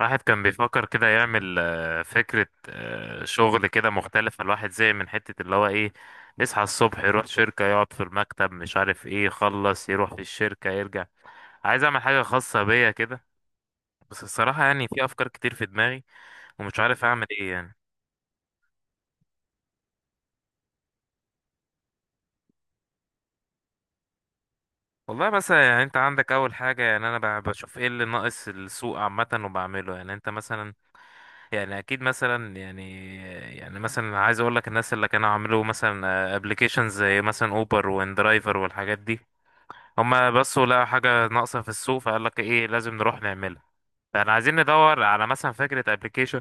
الواحد كان بيفكر كده يعمل فكرة، شغل كده مختلفة. الواحد زي من حتة اللي هو ايه؟ يصحى الصبح يروح شركة، يقعد في المكتب مش عارف ايه، يخلص يروح في الشركة يرجع. عايز اعمل حاجة خاصة بيا كده. بس الصراحة يعني في افكار كتير في دماغي، ومش عارف اعمل ايه يعني. والله مثلا يعني، انت عندك اول حاجة، يعني انا بشوف ايه اللي ناقص السوق عامة وبعمله. يعني انت مثلا، يعني اكيد مثلا يعني، يعني مثلا عايز اقول لك الناس اللي كانوا عملوا مثلا ابلكيشنز زي مثلا اوبر واندرايفر والحاجات دي، هما بصوا لقوا حاجه ناقصه في السوق، فقال لك ايه لازم نروح نعملها. فاحنا عايزين ندور على مثلا فكره ابلكيشن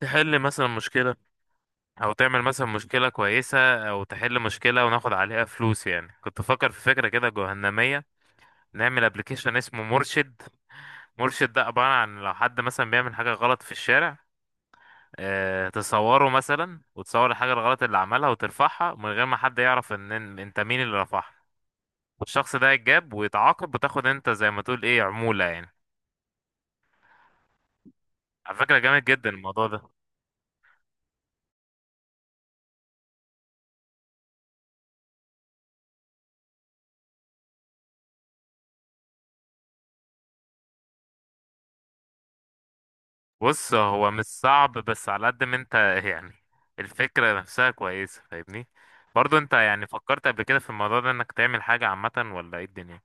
تحل مثلا مشكله، او تعمل مثلا مشكله كويسه، او تحل مشكله وناخد عليها فلوس. يعني كنت بفكر في فكره كده جهنميه، نعمل ابلكيشن اسمه مرشد. مرشد ده عباره عن لو حد مثلا بيعمل حاجه غلط في الشارع، تصوره مثلا، وتصور الحاجة الغلط اللي عملها وترفعها من غير ما حد يعرف ان انت مين اللي رفعها، والشخص ده يتجاب ويتعاقب، وتاخد انت زي ما تقول ايه، عمولة يعني. على فكرة جامد جدا الموضوع ده. بص هو مش صعب، بس على قد ما انت يعني الفكرة نفسها كويسة، فاهمني. برضو انت يعني فكرت قبل كده في الموضوع ده انك تعمل حاجة عامة، ولا ايه الدنيا؟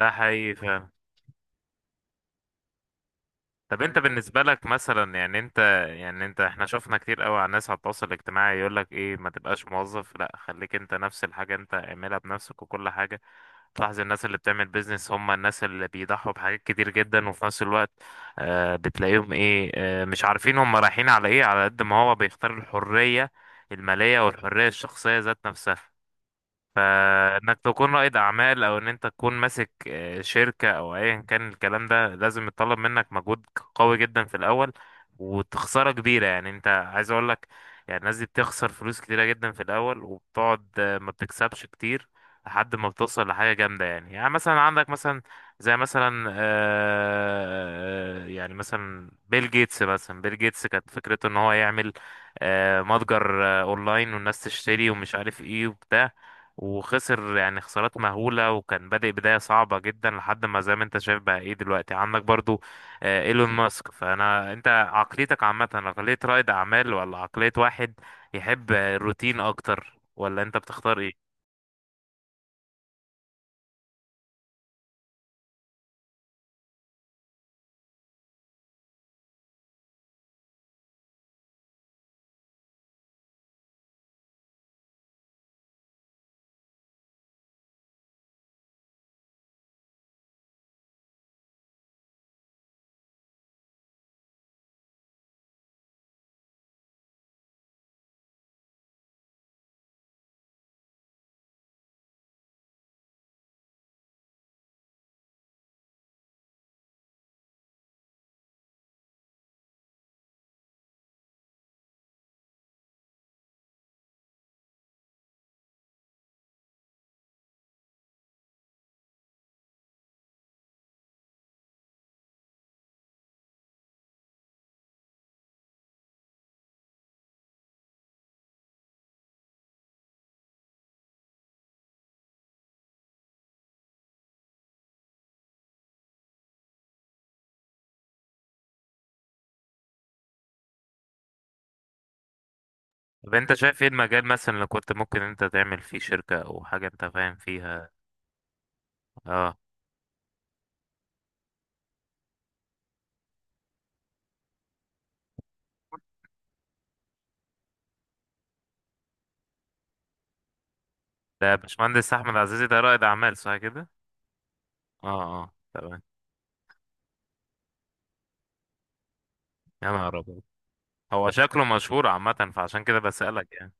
ده حقيقي فعلا. طب انت بالنسبة لك مثلا، يعني انت، يعني انت، احنا شفنا كتير قوي على الناس على التواصل الاجتماعي يقول لك ايه، ما تبقاش موظف، لا خليك انت نفس الحاجة، انت اعملها بنفسك وكل حاجة. تلاحظ الناس اللي بتعمل بيزنس هم الناس اللي بيضحوا بحاجات كتير جدا، وفي نفس الوقت بتلاقيهم ايه، مش عارفين هم رايحين على ايه، على قد ما هو بيختار الحرية المالية والحرية الشخصية ذات نفسها. فانك تكون رائد اعمال، او ان انت تكون ماسك شركة او ايا كان، الكلام ده لازم يتطلب منك مجهود قوي جدا في الاول، وتخسارة كبيرة. يعني انت عايز اقول لك، يعني الناس دي بتخسر فلوس كتيرة جدا في الاول، وبتقعد ما بتكسبش كتير، لحد ما بتوصل لحاجة جامدة. يعني يعني مثلا عندك مثلا، زي مثلا يعني مثلا بيل جيتس. مثلا بيل جيتس كانت فكرته ان هو يعمل متجر اونلاين، والناس تشتري ومش عارف ايه وبتاع، وخسر يعني خسارات مهولة، وكان بادئ بداية صعبة جدا، لحد ما زي ما انت شايف بقى ايه دلوقتي. عندك برضو ايلون ماسك. فانا انت عقليتك عامة عقلية رائد اعمال، ولا عقلية واحد يحب الروتين اكتر؟ ولا انت بتختار ايه؟ طب انت شايف ايه المجال مثلا اللي كنت ممكن انت تعمل فيه شركة، او حاجة انت فاهم فيها؟ اه. ده باشمهندس احمد عزيزي ده رائد اعمال صح كده؟ اه، اه تمام. يا نهار ابيض! هو شكله مشهور عامة، فعشان كده بسألك يعني.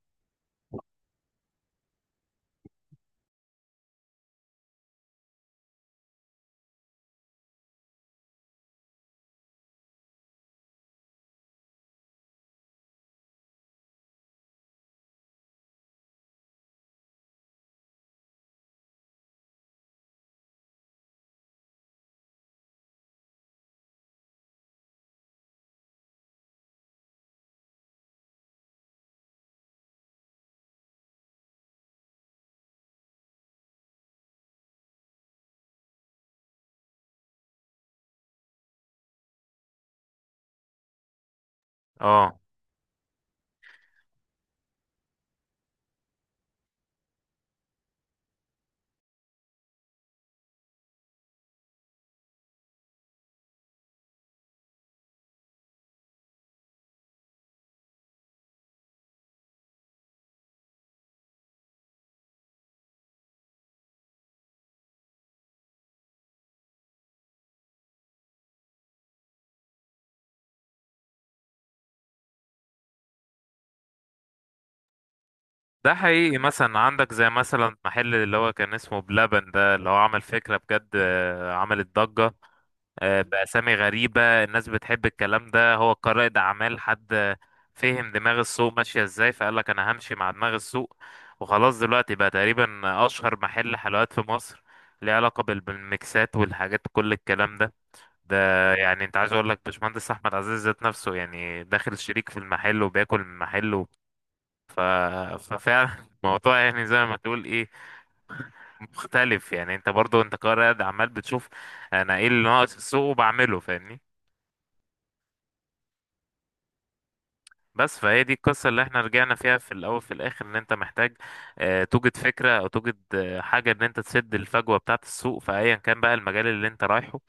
اه. ده حقيقي. مثلا عندك زي مثلا محل اللي هو كان اسمه بلبن، ده اللي هو عمل فكرة بجد عملت ضجة، بأسامي غريبة. الناس بتحب الكلام ده. هو كرائد أعمال حد فهم دماغ السوق ماشية ازاي، فقال لك أنا همشي مع دماغ السوق وخلاص. دلوقتي بقى تقريبا أشهر محل حلويات في مصر، ليه علاقة بالميكسات والحاجات كل الكلام ده. ده يعني انت عايز اقول لك، باشمهندس احمد عزيز ذات نفسه يعني داخل شريك في المحل، وبياكل من محله. ف... ففعلا الموضوع يعني زي ما تقول ايه، مختلف. يعني انت برضو انت قاعد عمال بتشوف انا ايه اللي ناقص السوق وبعمله، فاهمني. بس فهي دي القصة اللي احنا رجعنا فيها في الاول في الاخر، ان انت محتاج اه توجد فكرة، او توجد حاجة ان انت تسد الفجوة بتاعة السوق في ايا كان بقى المجال اللي انت رايحه.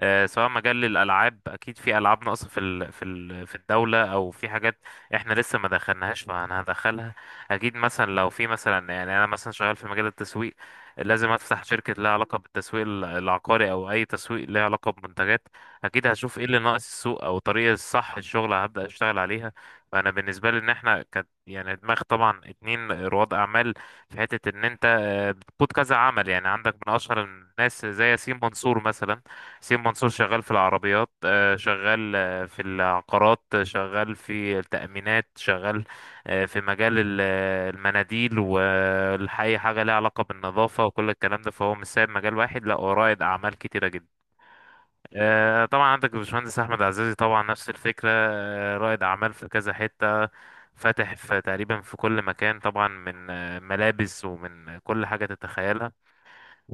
سواء مجال الالعاب، اكيد في العاب ناقصه في الدوله، او في حاجات احنا لسه ما دخلناهاش فانا هدخلها. اكيد مثلا لو في مثلا، يعني انا مثلا شغال في مجال التسويق، لازم افتح شركه لها علاقه بالتسويق العقاري، او اي تسويق لها علاقه بمنتجات. اكيد هشوف ايه اللي ناقص السوق، او الطريقه الصح للشغل هبدا اشتغل عليها. فانا بالنسبه لي، ان احنا كانت يعني دماغ طبعا اتنين رواد اعمال، في حته ان انت بتقود كذا عمل. يعني عندك من اشهر الناس زي ياسين منصور مثلا، حسين منصور، شغال في العربيات شغال في العقارات، شغال في التأمينات، شغال في مجال المناديل، والحي حاجة ليها علاقة بالنظافة وكل الكلام ده. فهو مش سايب مجال واحد، لا هو رائد أعمال كتيرة جدا. طبعا عندك الباشمهندس أحمد عزازي طبعا نفس الفكرة، رائد أعمال في كذا حتة، فاتح في تقريبا في كل مكان طبعا. من ملابس ومن كل حاجة تتخيلها.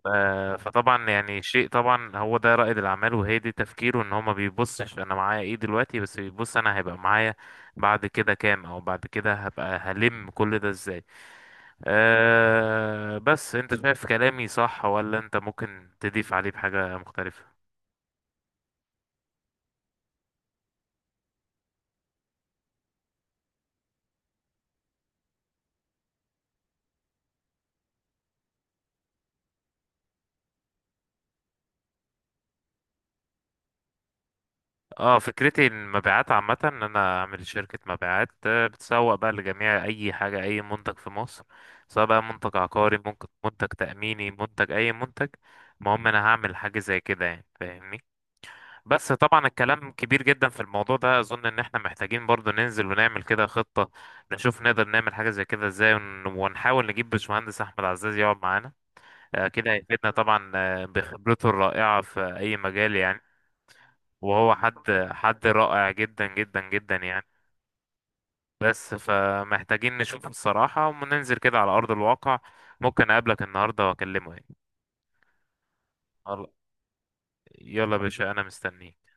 فطبعا يعني شيء، طبعا هو ده رائد الاعمال، وهي دي تفكيره. ان هو ما بيبصش انا معايا ايه دلوقتي، بس بيبص انا هيبقى معايا بعد كده كام، او بعد كده هبقى هلم كل ده ازاي. أه، بس انت شايف كلامي صح، ولا انت ممكن تضيف عليه بحاجة مختلفة؟ اه، فكرتي المبيعات عامة، ان انا اعمل شركة مبيعات بتسوق بقى لجميع اي حاجة، اي منتج في مصر. سواء بقى منتج عقاري، ممكن منتج تأميني، منتج اي منتج، المهم انا هعمل حاجة زي كده يعني، فاهمني. بس طبعا الكلام كبير جدا في الموضوع ده. اظن ان احنا محتاجين برضو ننزل ونعمل كده خطة، نشوف نقدر نعمل حاجة زي كده ازاي، ونحاول نجيب باشمهندس احمد عزاز يقعد معانا. كده هيفيدنا طبعا بخبرته الرائعة في اي مجال يعني. وهو حد حد رائع جدا جدا جدا يعني. بس فمحتاجين نشوفه الصراحة، وننزل كده على أرض الواقع. ممكن أقابلك النهاردة وأكلمه يعني. يلا، يلا يا باشا أنا مستنيك.